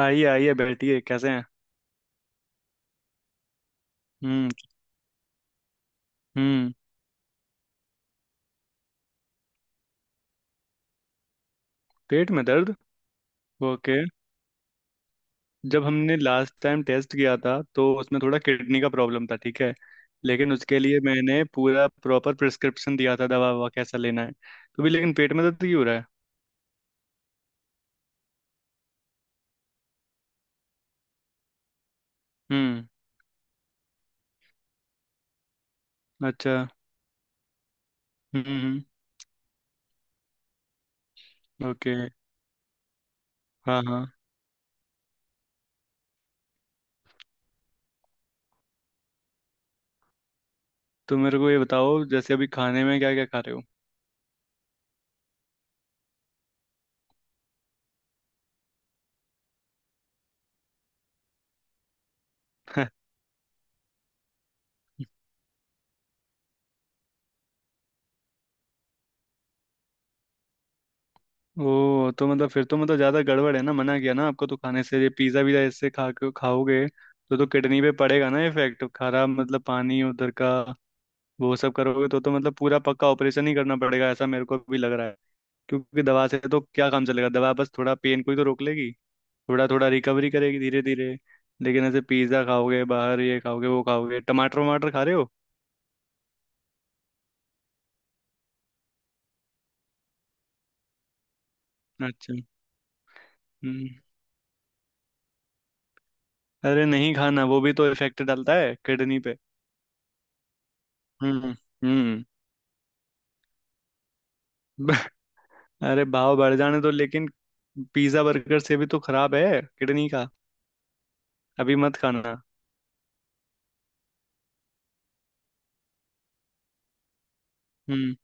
आइए आइए बैठिए। कैसे हैं? हम्म। हम्म। पेट में दर्द। ओके। जब हमने लास्ट टाइम टेस्ट किया था तो उसमें थोड़ा किडनी का प्रॉब्लम था, ठीक है? लेकिन उसके लिए मैंने पूरा प्रॉपर प्रिस्क्रिप्शन दिया था, दवा ववा कैसा लेना है। तो भी लेकिन पेट में दर्द क्यों हो रहा है? हम्म। अच्छा। हम्म। हम्म। ओके। हाँ हाँ। तो मेरे को ये बताओ, जैसे अभी खाने में क्या क्या खा रहे हो? ओ तो मतलब, फिर तो मतलब ज्यादा गड़बड़ है ना। मना किया ना आपको तो खाने से? ये पिज्जा वीजा ऐसे खा के खाओगे तो किडनी पे पड़ेगा ना इफेक्ट, खराब मतलब पानी उधर का। वो सब करोगे तो मतलब पूरा पक्का ऑपरेशन ही करना पड़ेगा, ऐसा मेरे को भी लग रहा है। क्योंकि दवा से तो क्या काम चलेगा, दवा बस थोड़ा पेन को ही तो रोक लेगी, थोड़ा थोड़ा रिकवरी करेगी धीरे धीरे। लेकिन ऐसे पिज्जा खाओगे, बाहर ये खाओगे वो खाओगे, टमाटर वमाटर खा रहे हो? अच्छा। हम्म। अरे नहीं खाना वो भी तो इफेक्ट डालता है किडनी पे। हम्म। हम्म। अरे भाव बढ़ जाने तो, लेकिन पिज्जा बर्गर से भी तो खराब है किडनी का। अभी मत खाना। हम्म।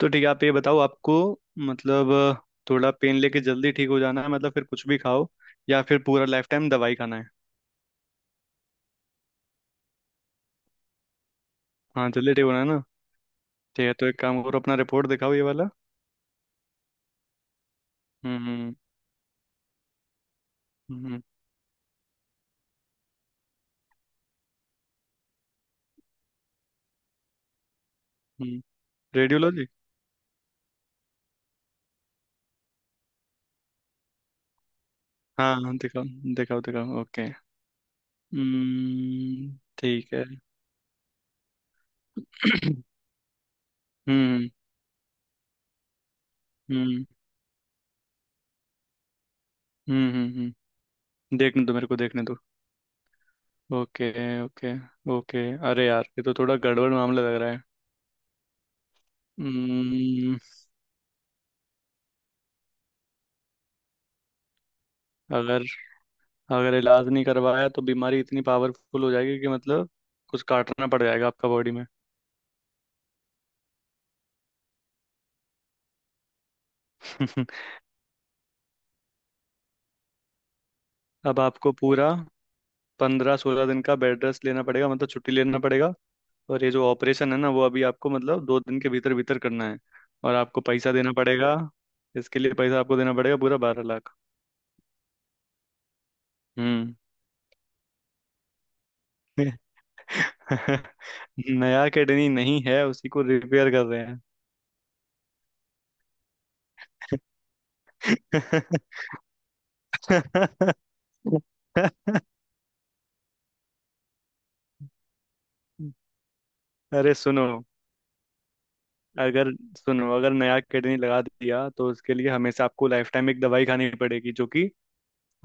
तो ठीक है, आप ये बताओ आपको, मतलब थोड़ा पेन लेके जल्दी ठीक हो जाना है, मतलब फिर कुछ भी खाओ। या फिर पूरा लाइफ टाइम दवाई खाना है? हाँ जल्दी ठीक होना है ना। ठीक है, तो एक काम करो, अपना रिपोर्ट दिखाओ ये वाला। हम्म। हम्म। हम्म। रेडियोलॉजी। हाँ हाँ, दिखाओ दिखाओ दिखाओ। ओके। हम्म। ठीक है। हम्म। हम्म। हम्म। हम्म। हम्म। देखने दो, मेरे को देखने दो। ओके। ओके। ओके। अरे यार, ये तो थोड़ा गड़बड़ मामला लग रहा है। हम्म। अगर अगर इलाज नहीं करवाया तो बीमारी इतनी पावरफुल हो जाएगी कि मतलब कुछ काटना पड़ जाएगा आपका बॉडी में। अब आपको पूरा 15-16 दिन का बेड रेस्ट लेना पड़ेगा, मतलब छुट्टी लेना पड़ेगा। और ये जो ऑपरेशन है ना वो अभी आपको मतलब 2 दिन के भीतर भीतर करना है। और आपको पैसा देना पड़ेगा, इसके लिए पैसा आपको देना पड़ेगा, पूरा 12 लाख। हम्म। नया किडनी नहीं है, उसी को रिपेयर कर रहे हैं। अरे सुनो, अगर अगर नया किडनी लगा दिया तो उसके लिए हमेशा आपको लाइफ टाइम एक दवाई खानी पड़ेगी, जो कि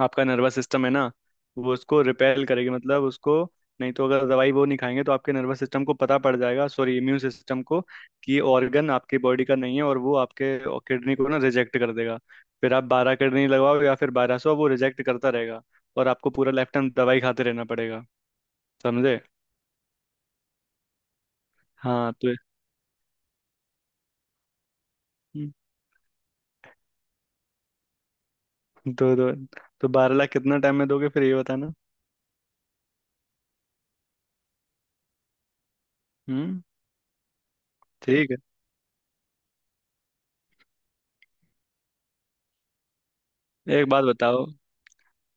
आपका नर्वस सिस्टम है ना, वो उसको रिपेल करेगी, मतलब उसको। नहीं तो अगर दवाई वो नहीं खाएंगे तो आपके नर्वस सिस्टम को पता पड़ जाएगा, सॉरी इम्यून सिस्टम को, कि ऑर्गन आपके बॉडी का नहीं है, और वो आपके किडनी को ना रिजेक्ट कर देगा। फिर आप 12 किडनी लगवाओ या फिर 1200, वो रिजेक्ट करता रहेगा। और आपको पूरा लाइफ टाइम दवाई खाते रहना पड़ेगा। समझे? हाँ तो। हम्म। दो दो। तो 12 लाख कितना टाइम में दोगे फिर, ये बताना। हम्म। ठीक है, एक बात बताओ,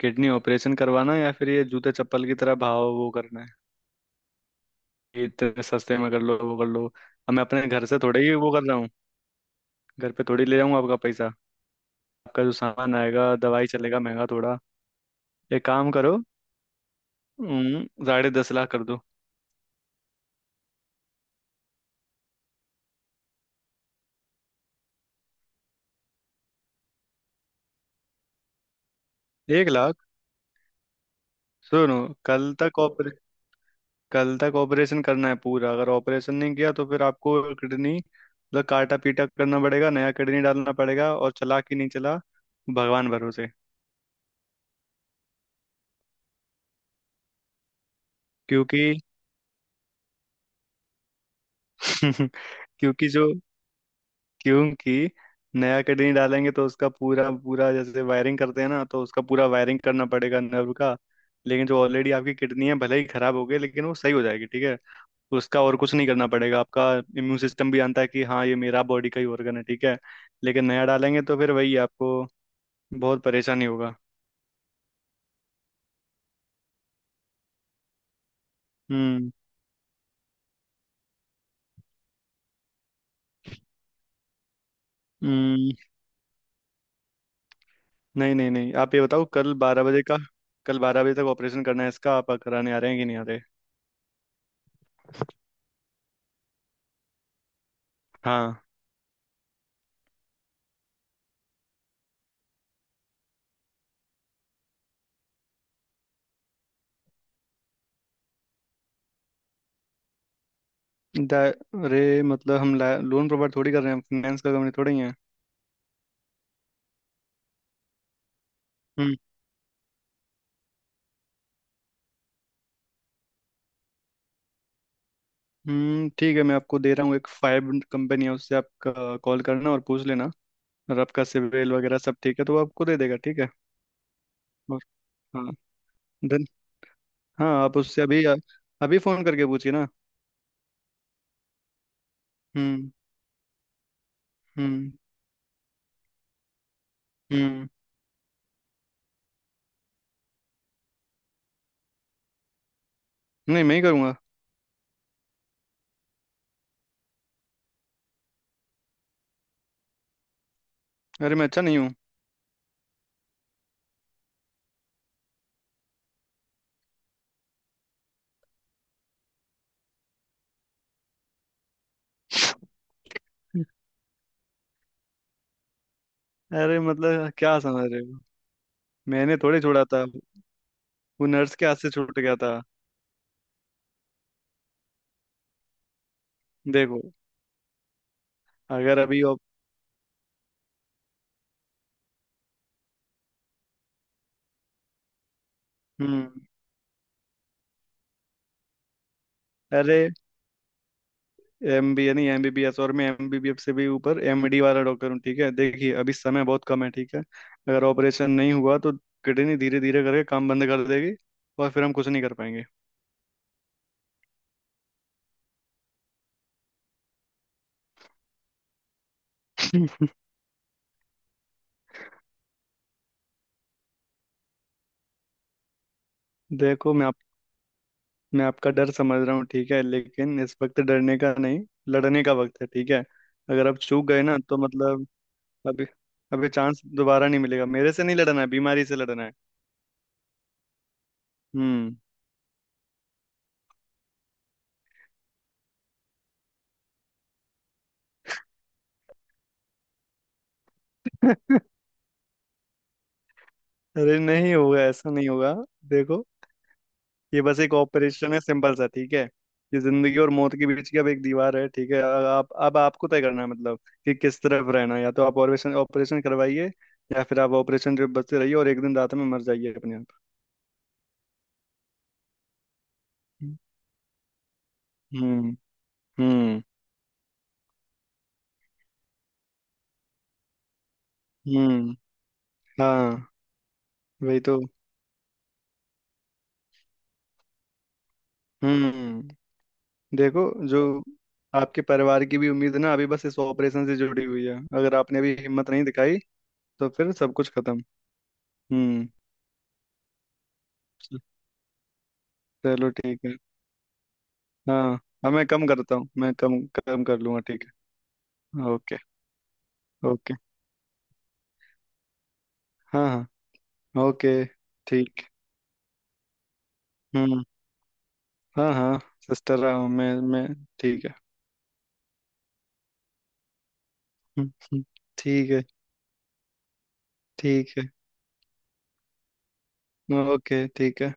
किडनी ऑपरेशन करवाना या फिर ये जूते चप्पल की तरह भाव वो करना है? ये इतने सस्ते में कर लो, वो कर लो। अब मैं अपने घर से थोड़े ही वो कर रहा हूँ। घर पे थोड़ी ले जाऊंगा आपका पैसा। आपका जो सामान आएगा, दवाई चलेगा महंगा थोड़ा। एक काम करो। हम्म। 10.5 लाख कर दो। 1 लाख? सुनो, कल तक, कल तक ऑपरेशन करना है पूरा। अगर ऑपरेशन नहीं किया तो फिर आपको किडनी मतलब काटा पीटा करना पड़ेगा, नया किडनी डालना पड़ेगा, और चला कि नहीं चला, भगवान भरोसे। क्योंकि क्योंकि जो क्योंकि नया किडनी डालेंगे तो उसका पूरा पूरा, जैसे वायरिंग करते हैं ना, तो उसका पूरा वायरिंग करना पड़ेगा नर्व का। लेकिन जो ऑलरेडी आपकी किडनी है, भले ही खराब हो गई, लेकिन वो सही हो जाएगी, ठीक है? उसका और कुछ नहीं करना पड़ेगा आपका। इम्यून सिस्टम भी जानता है कि हाँ ये मेरा बॉडी का ही organ है, ठीक है? लेकिन नया डालेंगे तो फिर वही आपको बहुत परेशानी होगा। हम्म। हम्म। नहीं नहीं नहीं, आप ये बताओ, कल 12 बजे का, कल 12 बजे तक ऑपरेशन करना है इसका, आप कराने आ रहे हैं कि नहीं आ रहे? हाँ। दा- अरे मतलब हम लोन प्रोवाइड थोड़ी कर रहे हैं, फाइनेंस का कंपनी थोड़ी है। हम्म। हम्म। ठीक है, मैं आपको दे रहा हूँ, एक फाइव कंपनी है, उससे आप कॉल करना और पूछ लेना। और आपका सिविल वगैरह सब ठीक है तो वो आपको दे देगा, ठीक है? और हाँ। धन हाँ आप उससे अभी, अभी फोन करके पूछिए ना। हम्म। हम्म। हम्म। नहीं, मैं ही करूँगा। अरे मैं अच्छा नहीं हूँ? अरे मतलब क्या समझ रहे हो, मैंने थोड़े छोड़ा था, वो नर्स के हाथ से छूट गया था। देखो अगर अभी आप। हम्म। अरे MBA नहीं, MBBS, और मैं MBBS से भी ऊपर MD वाला डॉक्टर हूँ, ठीक है? देखिए अभी समय बहुत कम है ठीक है? अगर ऑपरेशन नहीं हुआ तो किडनी धीरे धीरे करके काम बंद कर देगी और फिर हम कुछ नहीं कर पाएंगे। देखो मैं आपका डर समझ रहा हूँ, ठीक है? लेकिन इस वक्त डरने का नहीं, लड़ने का वक्त है, ठीक है? अगर आप चूक गए ना तो मतलब अभी, अभी चांस दोबारा नहीं मिलेगा। मेरे से नहीं लड़ना है, बीमारी से लड़ना है। हम्म। अरे नहीं होगा, ऐसा नहीं होगा। देखो, ये बस एक ऑपरेशन है सिंपल सा, ठीक है? ये जिंदगी और मौत के बीच की अब एक दीवार है, ठीक है? अब आपको तय करना है, मतलब कि किस तरफ रहना है, या तो आप ऑपरेशन ऑपरेशन करवाइए, या फिर आप ऑपरेशन जो बचते रहिए और एक दिन रात में मर जाइए अपने आप। हम्म। हम्म। हम्म। हाँ वही तो। हम्म। देखो जो आपके परिवार की भी उम्मीद ना अभी बस इस ऑपरेशन से जुड़ी हुई है, अगर आपने अभी हिम्मत नहीं दिखाई तो फिर सब कुछ खत्म। हम्म। चलो ठीक है। हाँ। हाँ मैं कम करता हूँ, मैं कम कम कर लूंगा, ठीक है? ओके। ओके। हाँ हाँ। ओके। ठीक। हम्म। हाँ हाँ, सिस्टर रहा हूँ मैं। ठीक है। हम्म। हम्म। ठीक है। ठीक है। ओके। ठीक है।